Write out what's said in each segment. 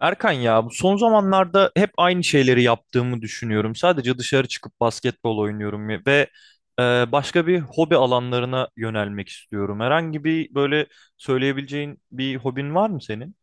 Erkan, ya bu son zamanlarda hep aynı şeyleri yaptığımı düşünüyorum. Sadece dışarı çıkıp basketbol oynuyorum ve e, başka bir hobi alanlarına yönelmek istiyorum. Herhangi bir böyle söyleyebileceğin bir hobin var mı senin?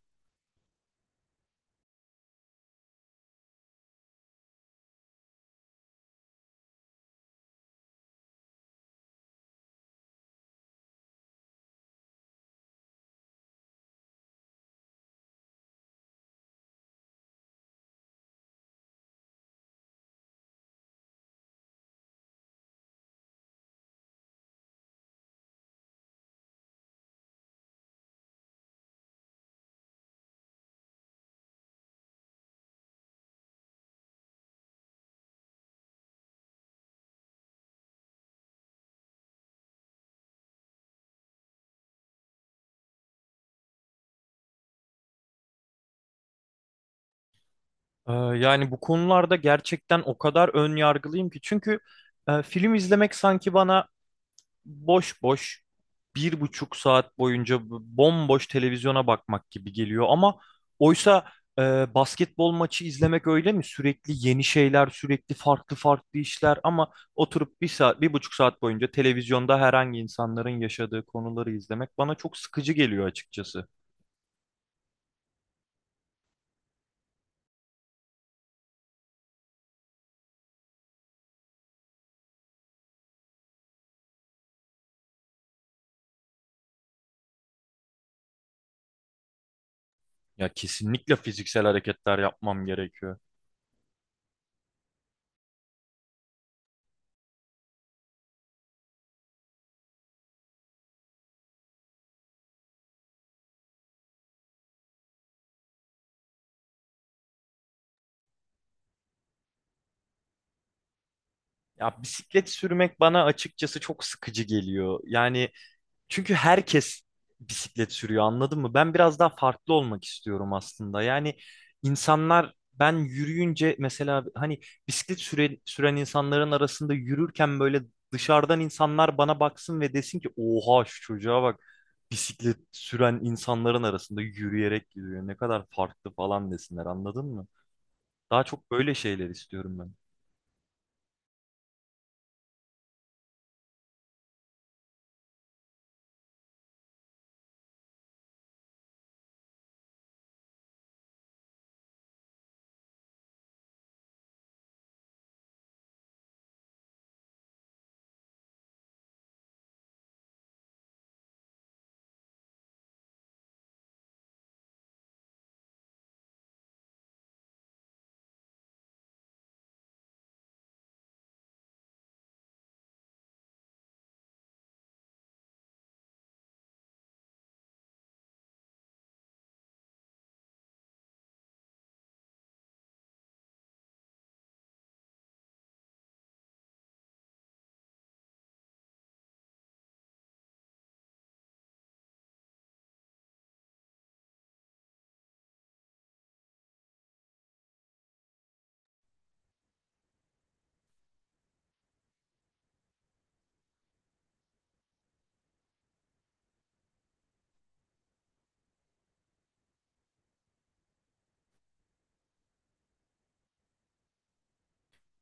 Yani bu konularda gerçekten o kadar ön yargılıyım ki, çünkü film izlemek sanki bana boş boş 1,5 saat boyunca bomboş televizyona bakmak gibi geliyor. Ama oysa, e, basketbol maçı izlemek öyle mi? Sürekli yeni şeyler, sürekli farklı farklı işler, ama oturup 1 saat, 1,5 saat boyunca televizyonda herhangi insanların yaşadığı konuları izlemek bana çok sıkıcı geliyor açıkçası. Ya kesinlikle fiziksel hareketler yapmam gerekiyor. Ya bisiklet sürmek bana açıkçası çok sıkıcı geliyor. Yani, çünkü herkes bisiklet sürüyor, anladın mı? Ben biraz daha farklı olmak istiyorum aslında. Yani insanlar, ben yürüyünce mesela, hani bisiklet süren insanların arasında yürürken, böyle dışarıdan insanlar bana baksın ve desin ki, oha şu çocuğa bak, bisiklet süren insanların arasında yürüyerek gidiyor ne kadar farklı falan, desinler, anladın mı? Daha çok böyle şeyler istiyorum ben.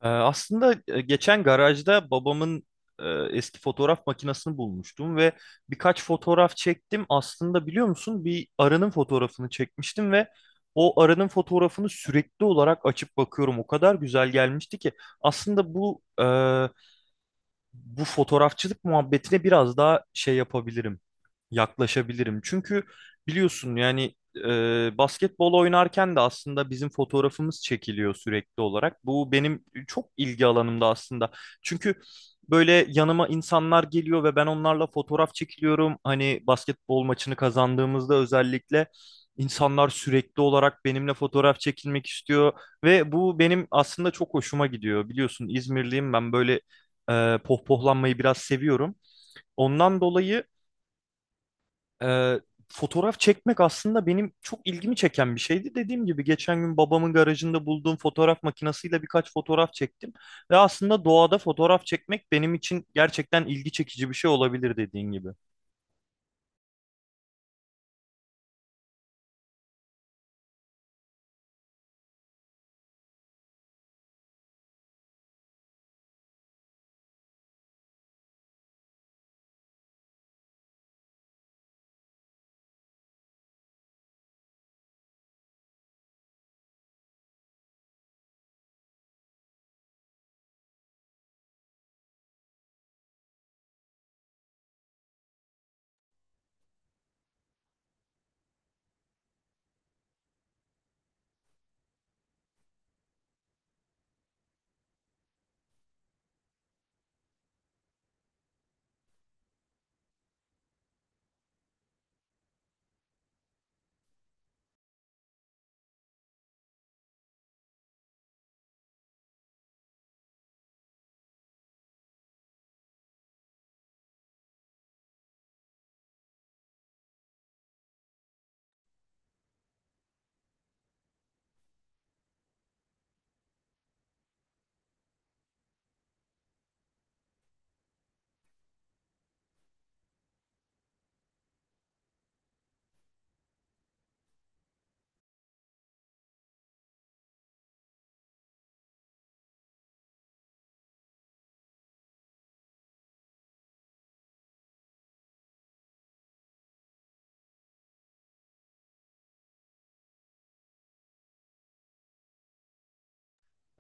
Aslında geçen garajda babamın e, eski fotoğraf makinesini bulmuştum ve birkaç fotoğraf çektim. Aslında biliyor musun, bir arının fotoğrafını çekmiştim ve o arının fotoğrafını sürekli olarak açıp bakıyorum. O kadar güzel gelmişti ki, aslında bu fotoğrafçılık muhabbetine biraz daha şey yapabilirim, yaklaşabilirim. Çünkü biliyorsun yani, basketbol oynarken de aslında bizim fotoğrafımız çekiliyor sürekli olarak. Bu benim çok ilgi alanımda aslında. Çünkü böyle yanıma insanlar geliyor ve ben onlarla fotoğraf çekiliyorum. Hani basketbol maçını kazandığımızda özellikle, insanlar sürekli olarak benimle fotoğraf çekilmek istiyor ve bu benim aslında çok hoşuma gidiyor. Biliyorsun, İzmirliyim ben, böyle pohpohlanmayı biraz seviyorum. Ondan dolayı, ee, fotoğraf çekmek aslında benim çok ilgimi çeken bir şeydi. Dediğim gibi geçen gün babamın garajında bulduğum fotoğraf makinesiyle birkaç fotoğraf çektim. Ve aslında doğada fotoğraf çekmek benim için gerçekten ilgi çekici bir şey olabilir, dediğin gibi.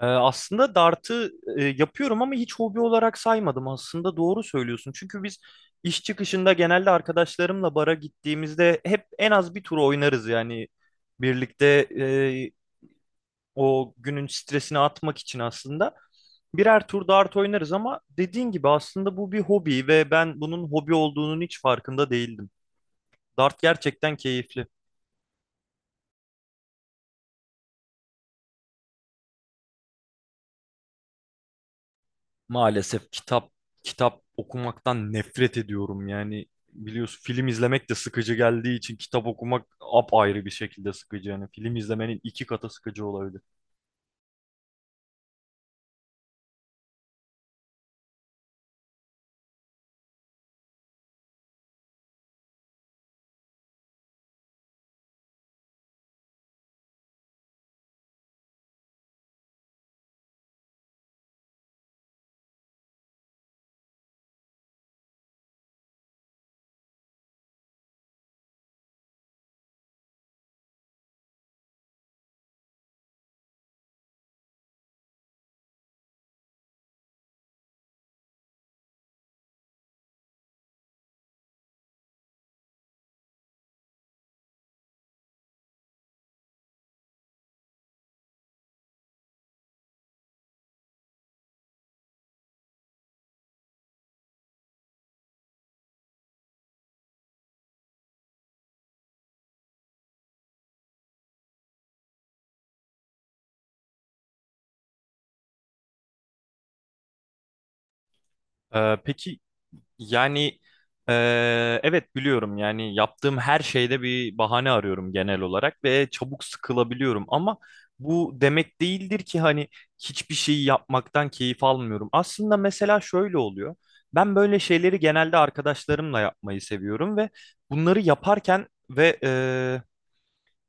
Aslında dartı yapıyorum, ama hiç hobi olarak saymadım. Aslında doğru söylüyorsun. Çünkü biz iş çıkışında genelde arkadaşlarımla bara gittiğimizde hep en az bir tur oynarız yani. Birlikte o günün stresini atmak için aslında birer tur dart oynarız, ama dediğin gibi aslında bu bir hobi ve ben bunun hobi olduğunun hiç farkında değildim. Dart gerçekten keyifli. Maalesef kitap okumaktan nefret ediyorum. Yani biliyorsun, film izlemek de sıkıcı geldiği için kitap okumak apayrı bir şekilde sıkıcı. Yani film izlemenin 2 katı sıkıcı olabilir. Peki. Yani, evet, biliyorum, yani yaptığım her şeyde bir bahane arıyorum genel olarak ve çabuk sıkılabiliyorum, ama bu demek değildir ki hani hiçbir şeyi yapmaktan keyif almıyorum. Aslında mesela şöyle oluyor. Ben böyle şeyleri genelde arkadaşlarımla yapmayı seviyorum ve bunları yaparken ve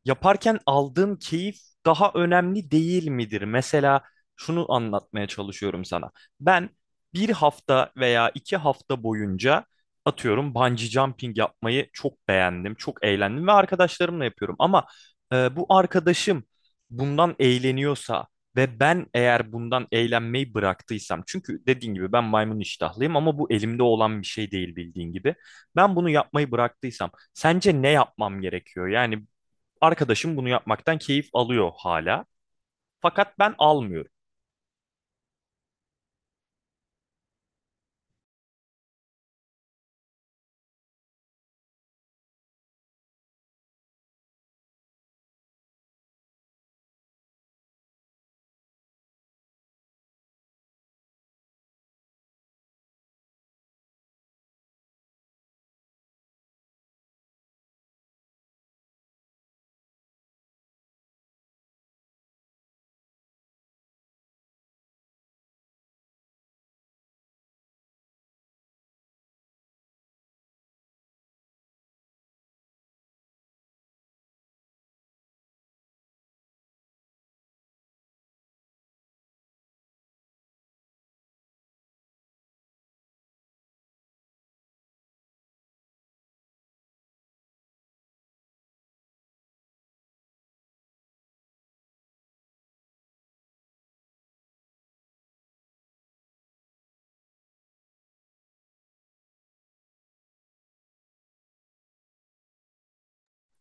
yaparken aldığın keyif daha önemli değil midir? Mesela şunu anlatmaya çalışıyorum sana. Ben 1 hafta veya 2 hafta boyunca, atıyorum, bungee jumping yapmayı çok beğendim, çok eğlendim ve arkadaşlarımla yapıyorum. Ama bu arkadaşım bundan eğleniyorsa ve ben, eğer bundan eğlenmeyi bıraktıysam, çünkü dediğin gibi ben maymun iştahlıyım, ama bu elimde olan bir şey değil, bildiğin gibi. Ben bunu yapmayı bıraktıysam, sence ne yapmam gerekiyor? Yani, arkadaşım bunu yapmaktan keyif alıyor hala. Fakat ben almıyorum.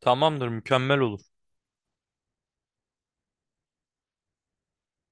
Tamamdır, mükemmel olur.